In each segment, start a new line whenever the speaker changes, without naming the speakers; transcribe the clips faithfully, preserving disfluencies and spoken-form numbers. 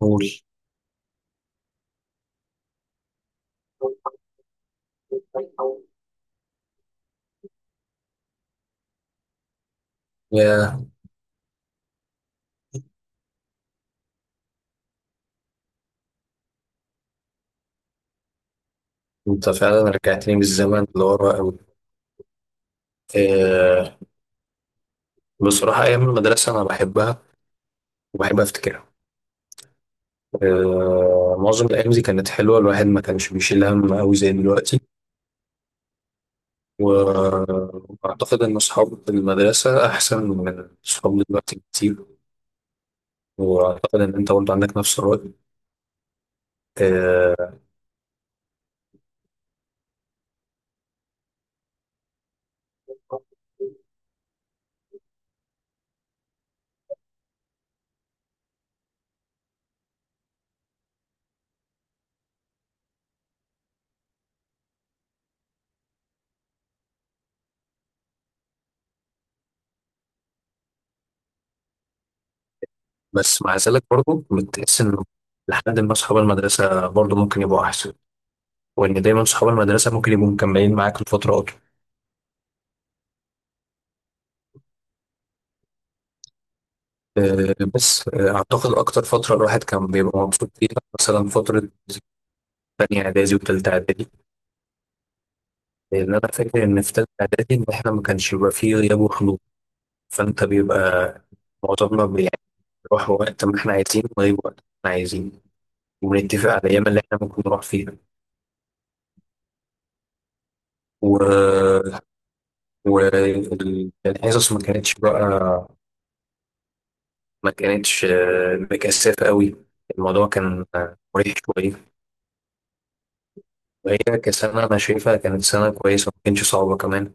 قول. يا. انت فعلا رجعتني بالزمن لورا قوي. أه. بصراحة أيام المدرسة أنا بحبها وبحب أفتكرها. أه، معظم الأيام دي كانت حلوة، الواحد ما كانش بيشيل هم أوي زي دلوقتي. و- وأعتقد إن أصحاب المدرسة أحسن من أصحاب دلوقتي كتير، وأعتقد إن أنت برضه عندك نفس الرأي. أه. بس مع ذلك برضه بتحس إن لحد ما أصحاب المدرسة برضه ممكن يبقوا أحسن، وإن دايما أصحاب المدرسة ممكن يبقوا مكملين معاك لفترة أطول. آه، بس آه، أعتقد أكتر فترة الواحد كان بيبقى مبسوط فيها، مثلا فترة تانية إعدادي وتالتة إعدادي، لأن أنا فاكر إن في تالتة إعدادي إن إحنا ما كانش بيبقى فيه غياب وحضور. فأنت بيبقى معظمنا بي- يعني بنروح وقت ما إحنا عايزين ونغيب وقت ما إحنا عايزين، وبنتفق على الأيام اللي إحنا ممكن نروح فيها. و... والحصص ما كانتش بقى، ما كانتش آه، مكثفة قوي، الموضوع كان آه، مريح شوية. وهي كسنة أنا شايفها كانت سنة كويسة، ما كانتش صعبة كمان.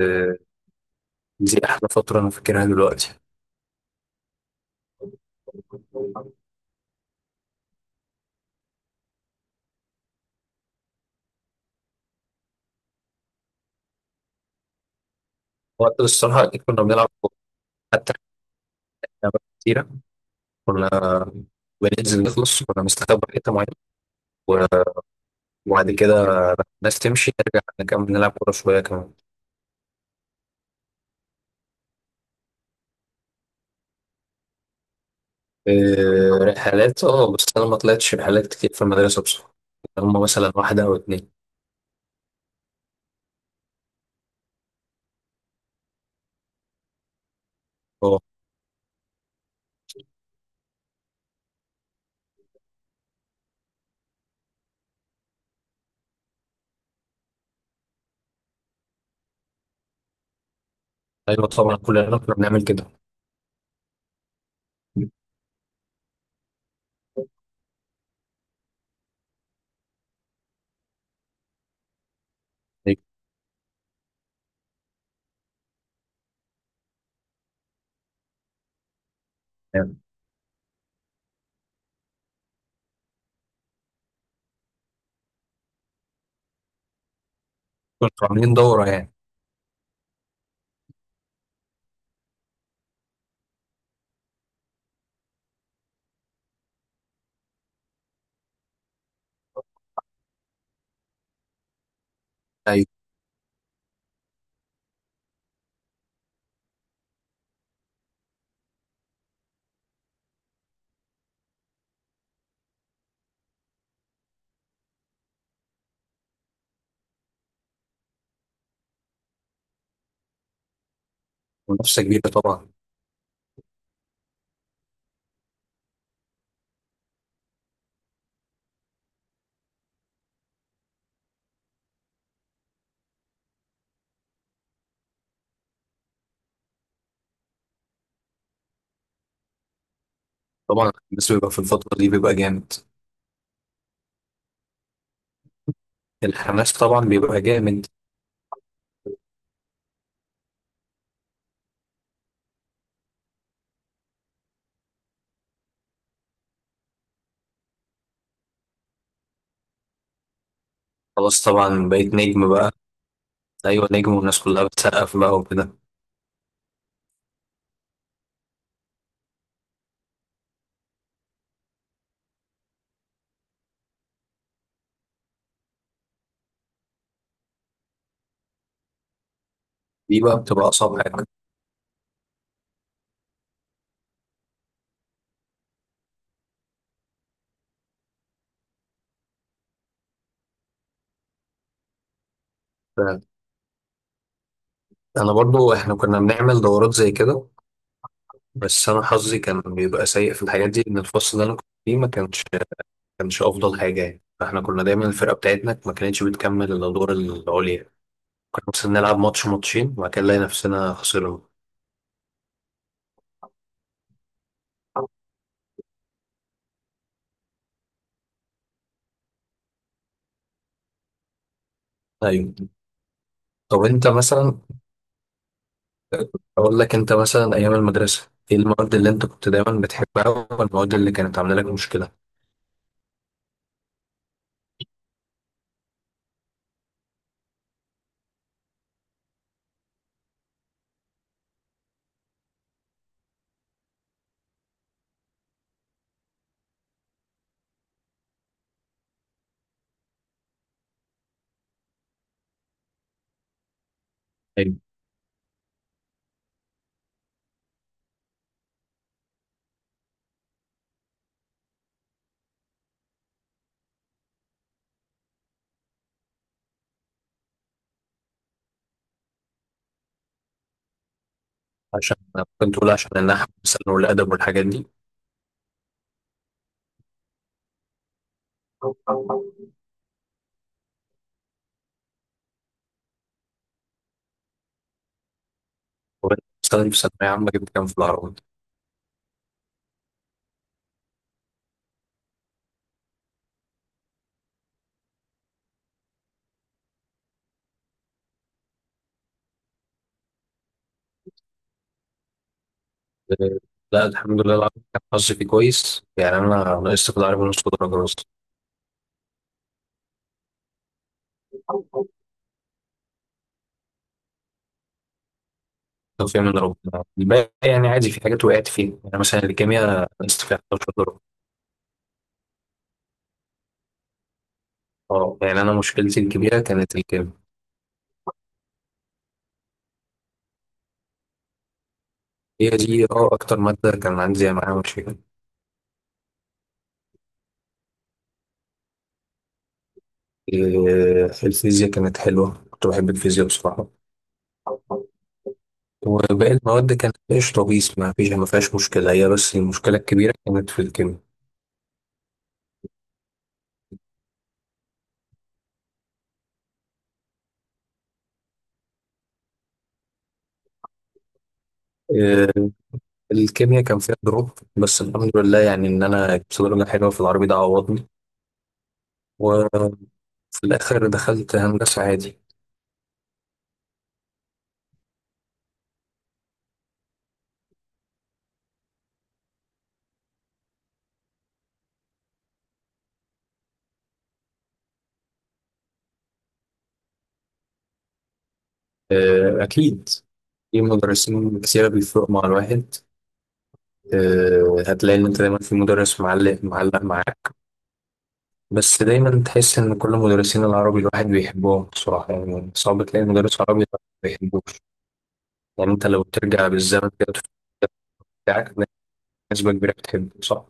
آه. دي احلى فتره انا فاكرها دلوقتي. وقت الصراحه أكيد كنا بنلعب كورة. حتى كنا أوقات كتيره كنا بننزل نخلص، كنا بنستخبى في حته معينه، و- وبعد كده الناس تمشي نرجع نكمل نلعب كوره شويه كمان. آه، رحلات، اه بس انا ما طلعتش رحلات كتير في المدرسه بصراحه، هم مثلا واحده او اتنين. اه. ايوه، طبعا كلنا كنا بنعمل كده. كنا عاملين دوره يعني. ايوه، منافسه كبيره طبعا. طبعا الناس بيبقى في الفتره دي بيبقى جامد. الحماس طبعا بيبقى جامد. خلاص، طبعا بقيت نجم بقى. ايوه، نجم والناس كلها بتسقف بقى وكده. دي بقى بتبقى اصعب حاجه. ف- انا برضو احنا كنا بنعمل دورات زي كده، بس انا حظي كان بيبقى سيء في الحاجات دي، ان الفصل اللي انا كنت فيه ما كانش كانش افضل حاجه يعني، فاحنا كنا دايما الفرقه بتاعتنا ما كانتش بتكمل الادوار العليا، كنا مثلا نلعب ماتش ماتشين وبعد كده نلاقي نفسنا خسرنا. ايوه. طب انت مثلا، أقول لك، أنت مثلا أيام المدرسة إيه المواد اللي أنت كنت دايما بتحبها والمواد اللي كانت عاملة لك مشكلة؟ ايوه، عشان أنا كنت بقول عشان النحو مثلا والأدب والحاجات دي. وأنت مثلا في ثانوية عامة جبت كام في العربي؟ آه. لا، الحمد لله، العربي كان حظي فيه كويس يعني، أنا نقصت في العربي نص درجة بس، توفيق من ربنا. الباقي يعني عادي، في حاجات وقعت فيها، يعني مثلا الكيمياء نقصت فيها حداشر درجة. اه، يعني أنا مشكلتي الكبيرة كانت الكيمياء. هي دي اه أكتر مادة كان عندي معاها مشكلة. آه، الفيزياء كانت حلوة، كنت بحب الفيزياء بصراحة. وباقي المواد كانت ايش طبيس، ما فيش ما فيهاش مشكلة، هي بس المشكلة الكبيرة كانت في الكيمياء. آه، الكيمياء كان فيها دروب، بس الحمد لله يعني ان انا جبت درجة حلوة في العربي، ده عوضني. وفي الاخر دخلت هندسة عادي. آه، اكيد في مدرسين كتير بيفرقوا مع الواحد. آه، هتلاقي ان انت دايما في مدرس معلق معلق معاك. بس دايما تحس ان كل مدرسين العربي الواحد بيحبهم بصراحه، يعني صعب تلاقي مدرس عربي الواحد ما بيحبوش. يعني انت لو ترجع بالزمن كده وتشوف المدرس بتاعك هتلاقي نسبه كبيره بتحبه، صح؟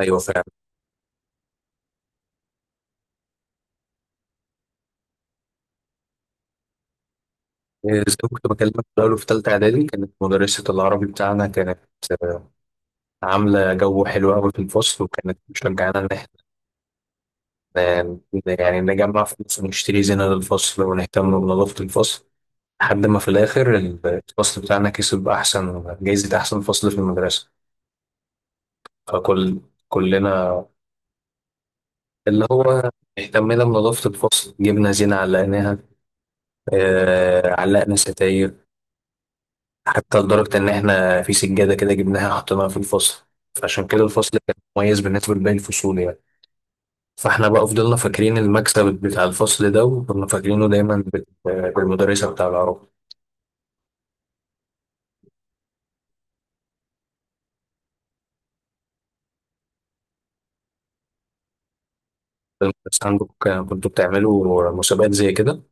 ايوه، فعلا. إيه، زي ما كنت بكلمك في الاول، في ثالثه اعدادي كانت مدرسه العربي بتاعنا كانت آه، عامله جو حلو قوي في الفصل، وكانت مشجعانا ان احنا آه، يعني نجمع فلوس ونشتري زينه للفصل ونهتم بنظافه الفصل، لحد ما في الاخر الفصل بتاعنا كسب احسن جايزه، احسن فصل في المدرسه. فكل كلنا اللي هو اهتمينا بنظافة الفصل، جبنا زينة علقناها، آه علقنا ستاير، حتى لدرجة إن إحنا في سجادة كده جبناها حطيناها في الفصل، فعشان كده الفصل كان مميز بالنسبة لباقي الفصول يعني. فإحنا بقى فضلنا فاكرين المكسب بتاع الفصل ده، وكنا فاكرينه دايما بال- بالمدرسة بتاع العربي. المدرسة عندكم كان- كنتوا بتعملوا مسابقات زي كده؟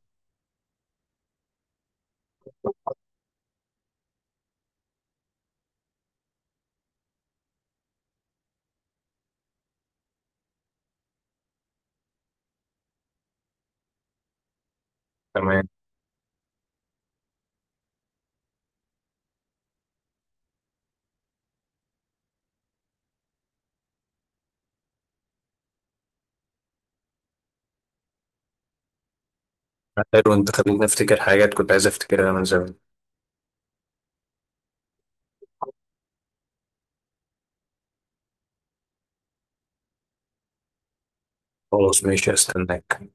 تمام. حلو، أنت خليتني أفتكر حاجات كنت عايز أفتكرها من زمان. خلاص، ماشي، هستناك.